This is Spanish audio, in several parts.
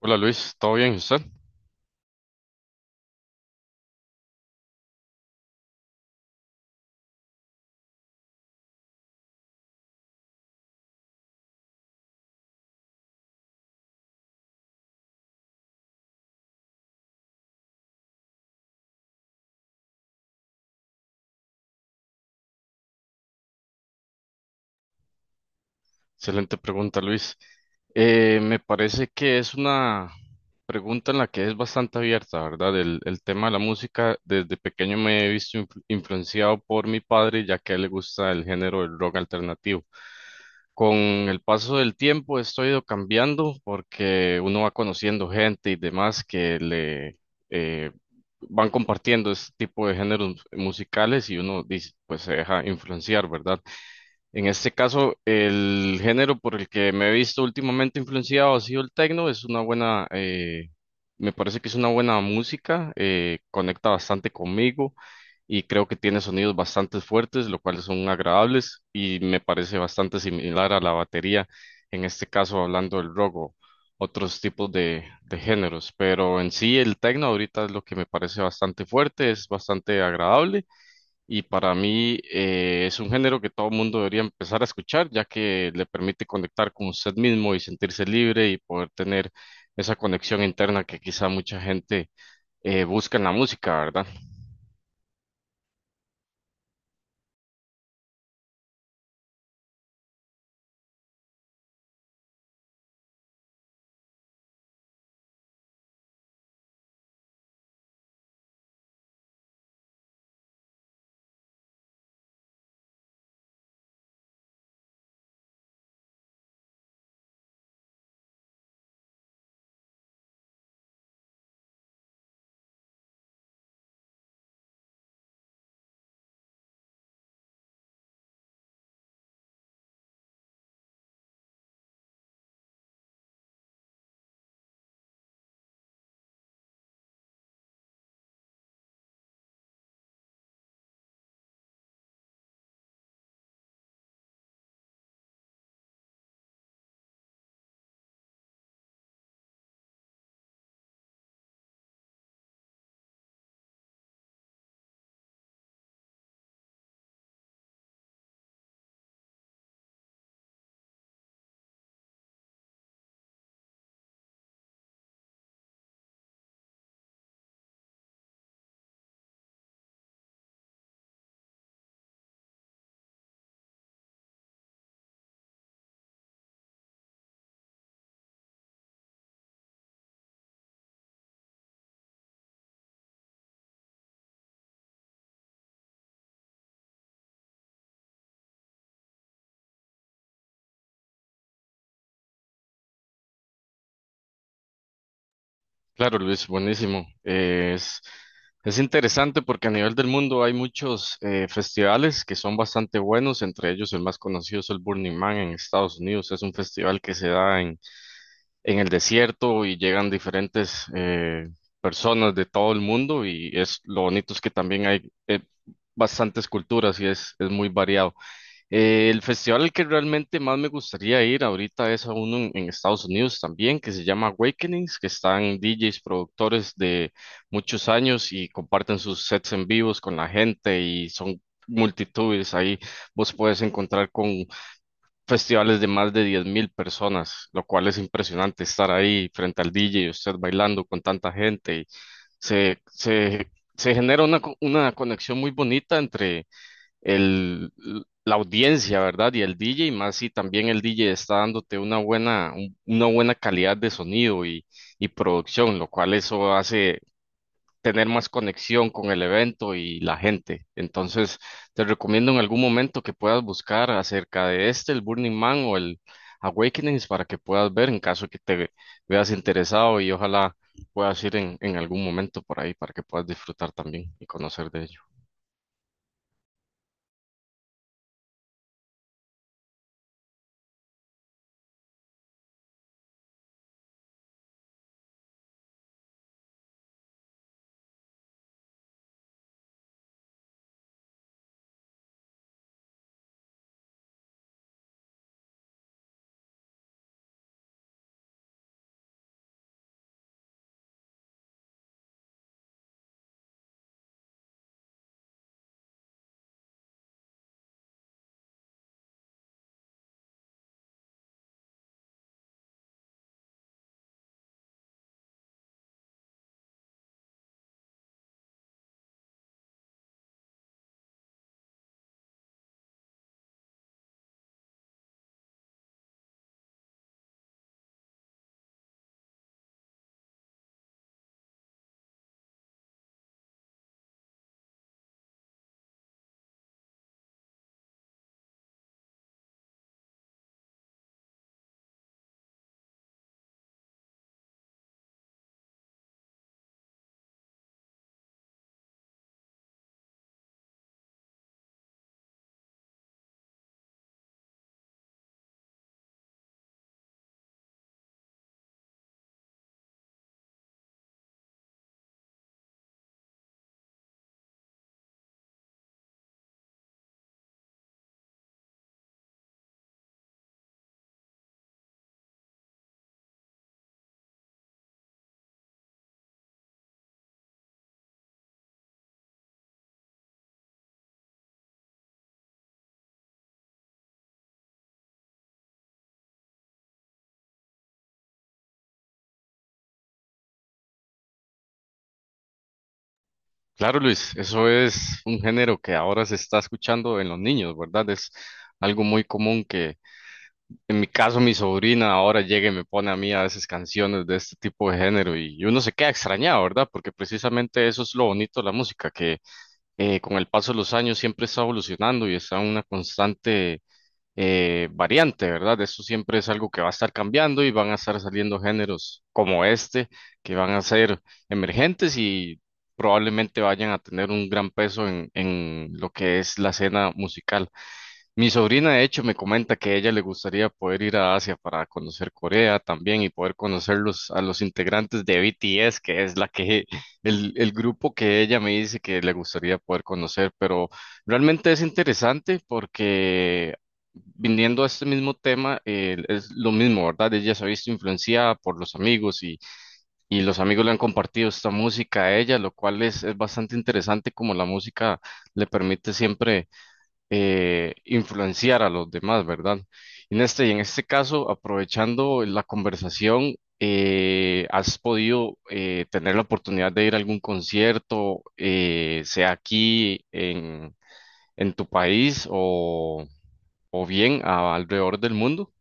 Hola Luis, ¿todo bien? ¿Y usted? Excelente pregunta, Luis. Me parece que es una pregunta en la que es bastante abierta, ¿verdad? El tema de la música, desde pequeño me he visto influenciado por mi padre, ya que a él le gusta el género del rock alternativo. Con el paso del tiempo esto ha ido cambiando porque uno va conociendo gente y demás que le eh, van compartiendo este tipo de géneros musicales y uno dice, pues se deja influenciar, ¿verdad? En este caso, el género por el que me he visto últimamente influenciado ha sido el techno. Es una buena, me parece que es una buena música, conecta bastante conmigo y creo que tiene sonidos bastante fuertes, lo cual son agradables y me parece bastante similar a la batería, en este caso hablando del rock o otros tipos de géneros. Pero en sí el techno ahorita es lo que me parece bastante fuerte, es bastante agradable. Y para mí es un género que todo mundo debería empezar a escuchar, ya que le permite conectar con usted mismo y sentirse libre y poder tener esa conexión interna que quizá mucha gente busca en la música, ¿verdad? Claro, Luis, buenísimo. Es interesante porque a nivel del mundo hay muchos festivales que son bastante buenos, entre ellos el más conocido es el Burning Man en Estados Unidos. Es un festival que se da en el desierto y llegan diferentes personas de todo el mundo y es lo bonito es que también hay bastantes culturas y es muy variado. El festival al que realmente más me gustaría ir ahorita es a uno en Estados Unidos también, que se llama Awakenings, que están DJs, productores de muchos años y comparten sus sets en vivos con la gente y son multitudes ahí vos puedes encontrar con festivales de más de 10.000 personas, lo cual es impresionante estar ahí frente al DJ y usted bailando con tanta gente. Se, se, Se genera una, una conexión muy bonita entre el, la audiencia, ¿verdad? Y el DJ, más si también el DJ está dándote una buena, una buena calidad de sonido y producción, lo cual eso hace tener más conexión con el evento y la gente. Entonces, te recomiendo en algún momento que puedas buscar acerca de este, el Burning Man o el Awakenings, para que puedas ver en caso que te veas interesado y ojalá puedas ir en algún momento por ahí para que puedas disfrutar también y conocer de ello. Claro, Luis, eso es un género que ahora se está escuchando en los niños, ¿verdad? Es algo muy común que. En mi caso, mi sobrina ahora llega y me pone a mí a veces canciones de este tipo de género y uno se queda extrañado, ¿verdad? Porque precisamente eso es lo bonito de la música, que con el paso de los años siempre está evolucionando y está en una constante variante, ¿verdad? Eso siempre es algo que va a estar cambiando y van a estar saliendo géneros como este, que van a ser emergentes y probablemente vayan a tener un gran peso en lo que es la escena musical. Mi sobrina, de hecho, me comenta que a ella le gustaría poder ir a Asia para conocer Corea también y poder conocer a los integrantes de BTS, que es la que, el grupo que ella me dice que le gustaría poder conocer. Pero realmente es interesante porque viniendo a este mismo tema, es lo mismo, ¿verdad? Ella se ha visto influenciada por los amigos y los amigos le han compartido esta música a ella, lo cual es bastante interesante como la música le permite siempre influenciar a los demás, ¿verdad? En este caso, aprovechando la conversación, ¿has podido tener la oportunidad de ir a algún concierto, sea aquí en tu país o bien alrededor del mundo?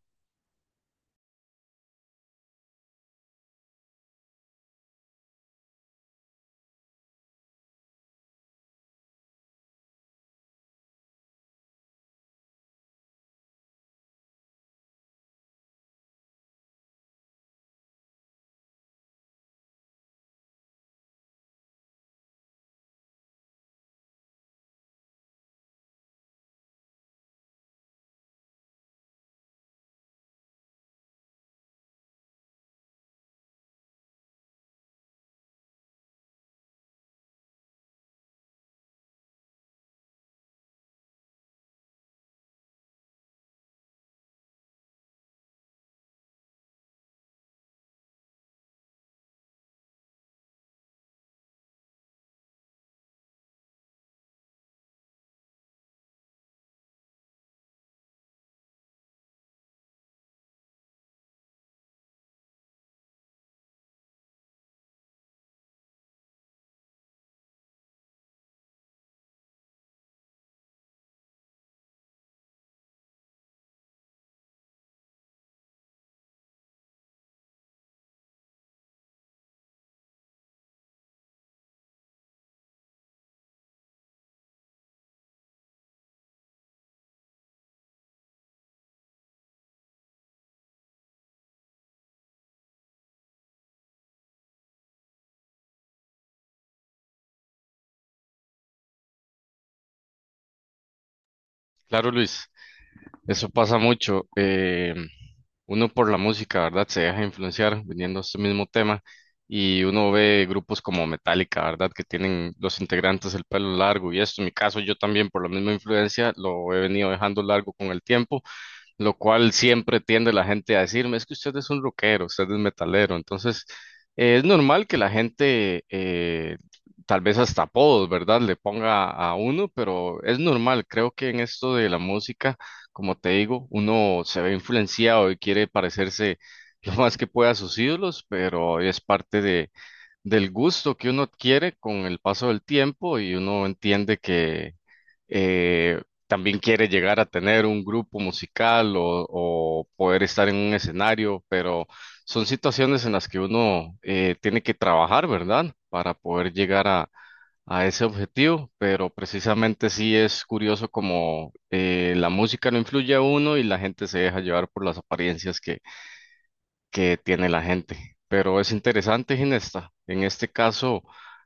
Claro, Luis, eso pasa mucho. Uno por la música, ¿verdad? Se deja influenciar viniendo a este mismo tema y uno ve grupos como Metallica, ¿verdad? Que tienen los integrantes el pelo largo y esto, en mi caso yo también por la misma influencia lo he venido dejando largo con el tiempo, lo cual siempre tiende la gente a decirme, es que usted es un rockero, usted es metalero, entonces es normal que la gente, tal vez hasta apodos, ¿verdad?, le ponga a uno, pero es normal, creo que en esto de la música, como te digo, uno se ve influenciado y quiere parecerse lo más que pueda a sus ídolos, pero es parte de del gusto que uno adquiere con el paso del tiempo y uno entiende que, eh, también quiere llegar a tener un grupo musical o poder estar en un escenario, pero son situaciones en las que uno tiene que trabajar, ¿verdad? Para poder llegar a ese objetivo, pero precisamente sí es curioso como la música no influye a uno y la gente se deja llevar por las apariencias que tiene la gente. Pero es interesante, Ginesta. En este caso,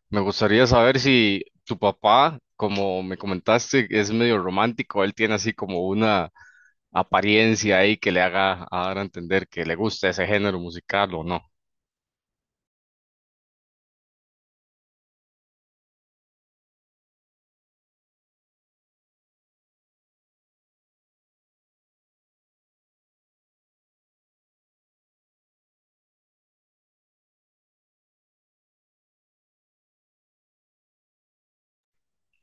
me gustaría saber si tu papá, como me comentaste, es medio romántico, él tiene así como una apariencia ahí que le haga a dar a entender que le gusta ese género musical o no.